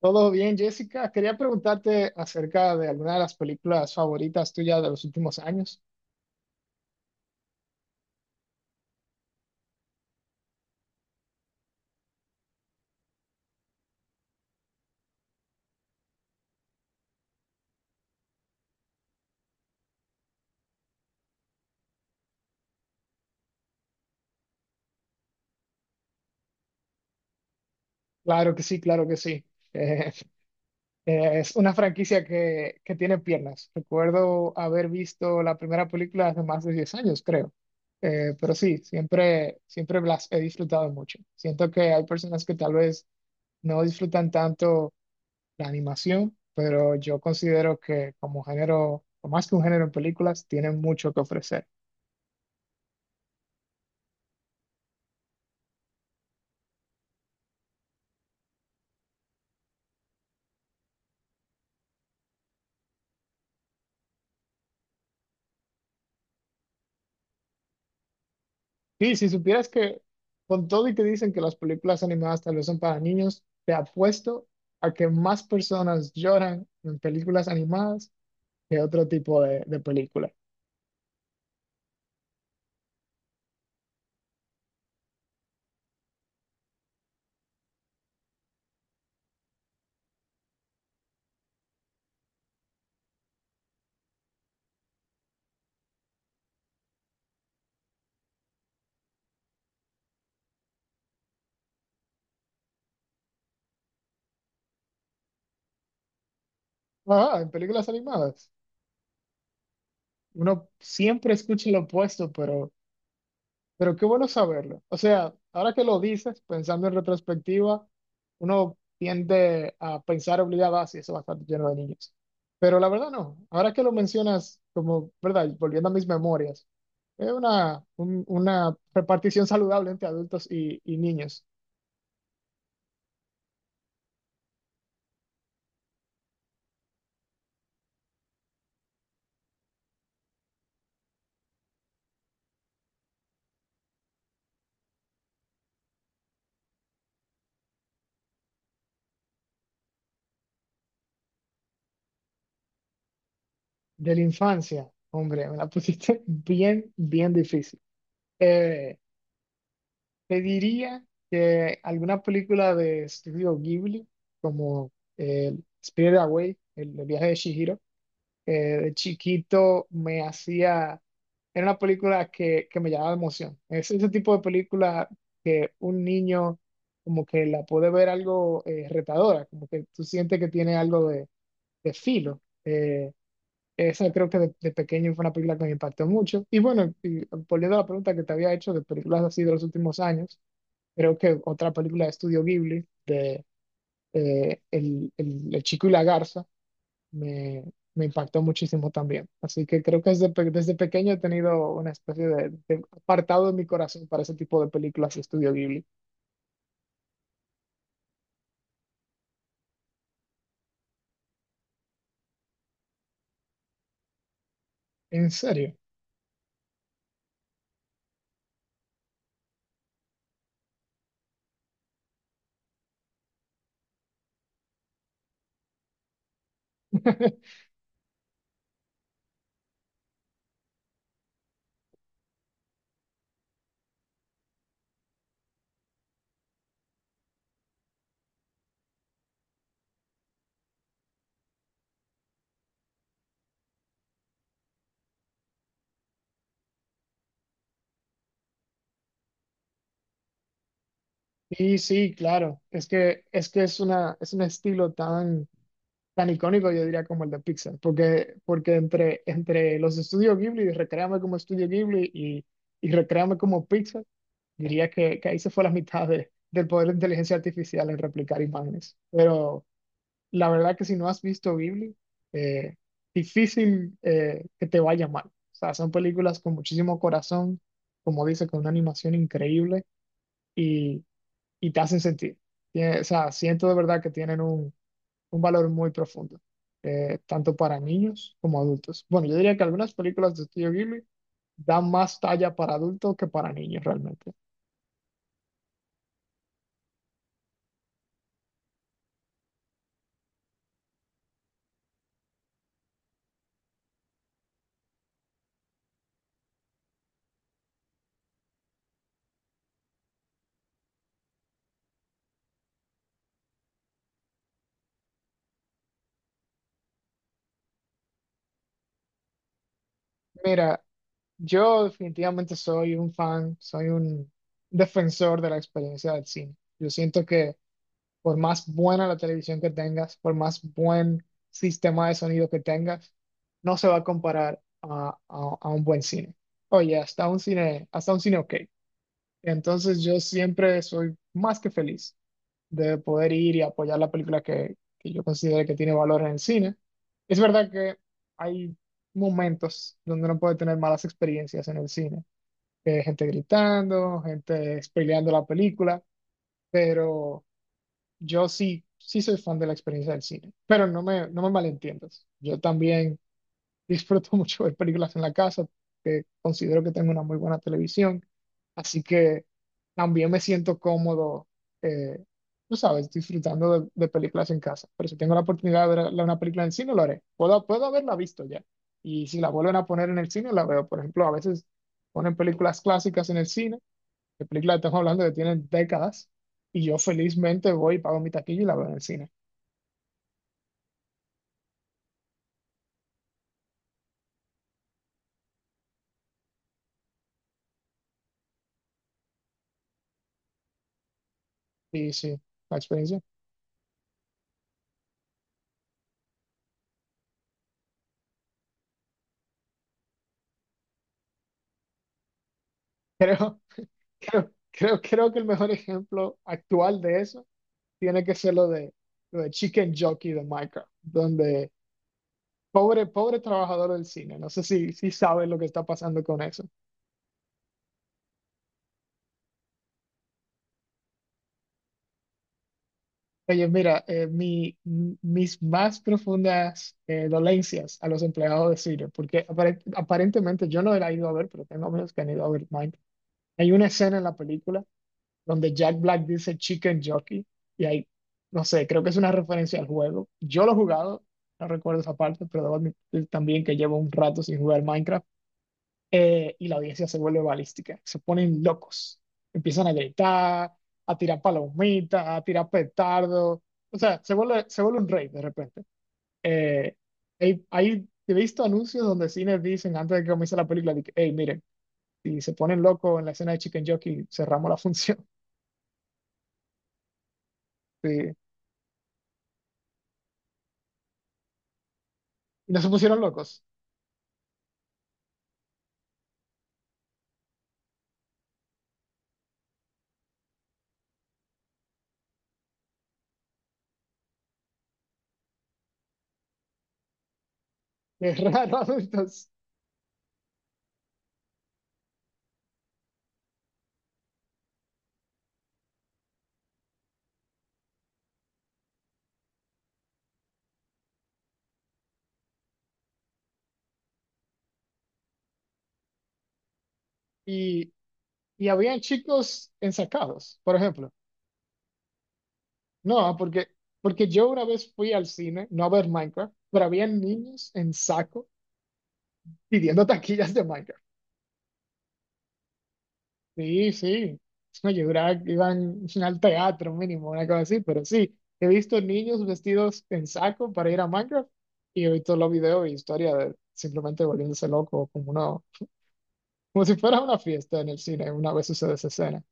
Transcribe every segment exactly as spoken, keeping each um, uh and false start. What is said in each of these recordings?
Todo bien, Jessica. Quería preguntarte acerca de alguna de las películas favoritas tuyas de los últimos años. Claro que sí, claro que sí. Eh, eh, es una franquicia que, que tiene piernas. Recuerdo haber visto la primera película hace más de diez años, creo. Eh, pero sí, siempre, siempre las he disfrutado mucho. Siento que hay personas que tal vez no disfrutan tanto la animación, pero yo considero que como género, o más que un género en películas, tienen mucho que ofrecer. Sí, si supieras que con todo y que dicen que las películas animadas tal vez son para niños, te apuesto a que más personas lloran en películas animadas que otro tipo de, de película. Ajá, en películas animadas. Uno siempre escucha lo opuesto, pero Pero qué bueno saberlo. O sea, ahora que lo dices, pensando en retrospectiva, uno tiende a pensar obligado así, eso va a estar lleno de niños. Pero la verdad no. Ahora que lo mencionas, como, ¿verdad? Y Volviendo a mis memorias, es una, un- una repartición saludable entre adultos y, y niños. De la infancia, hombre, me la pusiste bien, bien difícil. Eh, Te diría que alguna película de estudio Ghibli, como eh, Spirited Away, el, el viaje de Chihiro, eh, de chiquito me hacía, era una película que, que me llamaba la emoción. Es ese tipo de película que un niño como que la puede ver algo eh, retadora, como que tú sientes que tiene algo de, de filo. Eh, Esa creo que de, de pequeño fue una película que me impactó mucho. Y bueno, y volviendo a la pregunta que te había hecho de películas así de los últimos años, creo que otra película de Estudio Ghibli, de eh, el, el, El Chico y la Garza, me, me impactó muchísimo también. Así que creo que desde, pe- desde pequeño he tenido una especie de, de apartado en mi corazón para ese tipo de películas de Estudio Ghibli. ¿En serio? Sí, sí, claro. Es que es que es una es un estilo tan tan icónico, yo diría como el de Pixar, porque porque entre entre los estudios Ghibli y Recréame como estudio Ghibli y y Recréame como Pixar, diría que, que ahí se fue la mitad de- del poder de inteligencia artificial en replicar imágenes. Pero la verdad que si no has visto Ghibli, eh, difícil eh, que te vaya mal. O sea, son películas con muchísimo corazón, como dice, con una animación increíble y te hacen sentir. Tiene- o sea, siento de verdad que tienen un, un valor muy profundo, eh, tanto para niños como adultos. Bueno, yo diría que algunas películas de Studio Ghibli dan más talla para adultos que para niños realmente. Mira, yo definitivamente soy un fan, soy un defensor de la experiencia del cine. Yo siento que Por más buena la televisión que tengas, por más buen sistema de sonido que tengas, no se va a comparar a, a- a un buen cine. Oye, hasta un cine, hasta un cine ok. Entonces yo siempre soy más que feliz de poder ir y apoyar la película que, que yo considero que tiene valor en el cine. Es verdad que hay momentos donde uno puede tener malas experiencias en el cine, que hay gente gritando, gente spoileando la película, pero yo sí, sí soy fan de la experiencia del cine, pero no me, no me malentiendas. Yo también disfruto mucho ver películas en la casa, que considero que tengo una muy buena televisión, así que también me siento cómodo, eh, tú sabes, disfrutando de, de películas en casa. Pero si tengo la oportunidad de ver la- una película en el cine, lo haré. Puedo, puedo haberla visto ya. Y si la vuelven a poner en el cine, la veo. Por ejemplo, a veces ponen películas clásicas en el cine. La película estamos hablando que tiene décadas, y yo felizmente voy y pago mi taquilla y la veo en el cine. Y sí, la experiencia. Creo, creo, creo, creo que el mejor ejemplo actual de eso tiene que ser lo de, lo de Chicken Jockey de Minecraft, donde pobre, pobre trabajador del cine, no sé si, si sabes lo que está pasando con eso. Oye, mira, eh, mi, m- mis más profundas eh, dolencias a los empleados de cine, porque apare- aparentemente yo no la he ido a ver, pero tengo amigos que han ido a ver Minecraft. Hay una escena en la película donde Jack Black dice Chicken Jockey y hay, no sé, creo que es una referencia al juego. Yo lo he jugado, no recuerdo esa parte, pero debo admitir también que llevo un rato sin jugar Minecraft, eh, y la audiencia se vuelve balística, se ponen locos, empiezan a gritar, a tirar palomitas, a tirar petardos, o sea, se vuelve, se vuelve un rey de repente. Eh, hay, hay- he visto anuncios donde cines dicen antes de que comience la película, de que, hey, miren, si se ponen locos en la escena de Chicken Jockey, cerramos la función. Sí. Y no se pusieron locos. Es raro, adultos. Y, y habían chicos ensacados, por ejemplo. No, porque, porque yo una vez fui al cine, no a ver Minecraft, pero habían niños en saco pidiendo taquillas de Minecraft. Sí, sí. No, yo juraba que iban al teatro mínimo, una cosa así, pero sí. He visto niños vestidos en saco para ir a Minecraft y he visto los videos y historias de simplemente volviéndose loco como una, Como si fuera una fiesta en el cine, una vez sucede esa escena.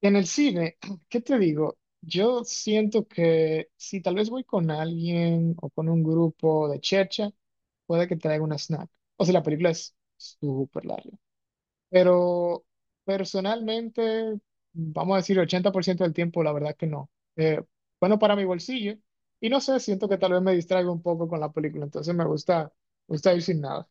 En el cine, ¿qué te digo? Yo siento que si tal vez voy con alguien o con un grupo de chercha, puede que traiga una snack. O sea, la película es súper larga. Pero personalmente, vamos a decir ochenta por ciento del tiempo, la verdad que no. Eh, bueno, para mi bolsillo. Y no sé, siento que tal vez me distraigo un poco con la película, entonces me gusta, me gusta ir sin nada.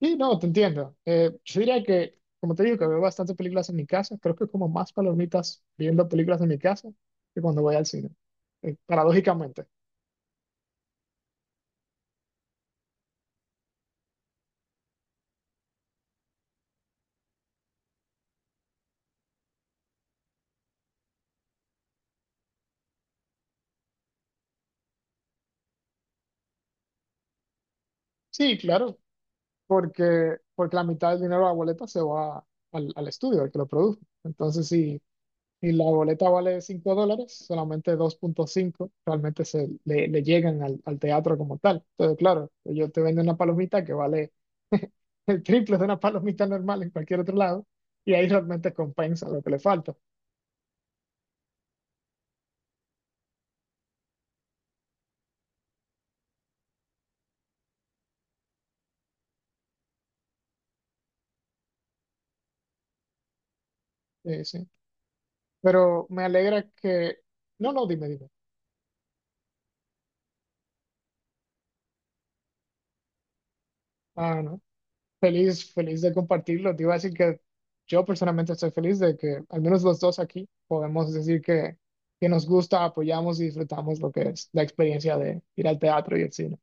Sí, no, te entiendo. Eh, yo diría que, como te digo, que veo bastantes películas en mi casa, creo que como más palomitas viendo películas en mi casa que cuando voy al cine, eh, paradójicamente. Sí, claro, porque, porque la mitad del dinero de la boleta se va al, al estudio, al que lo produce. Entonces, sí. Y la boleta vale cinco dólares, solamente dos punto cinco realmente se le, le llegan al, al teatro como tal. Entonces, claro, yo te vendo una palomita que vale el triple de una palomita normal en cualquier otro lado, y ahí realmente compensa lo que le falta. Eh, sí. Pero me alegra que... No, no, dime, dime. Ah, no. Feliz, feliz de compartirlo. Te iba a decir que yo personalmente estoy feliz de que al menos los dos aquí podemos decir que, que nos gusta, apoyamos y disfrutamos lo que es la experiencia de ir al teatro y el cine.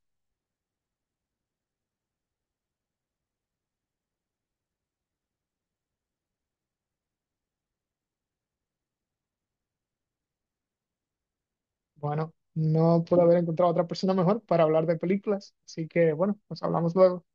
Bueno, no puedo haber encontrado otra persona mejor para hablar de películas, así que bueno, nos hablamos luego.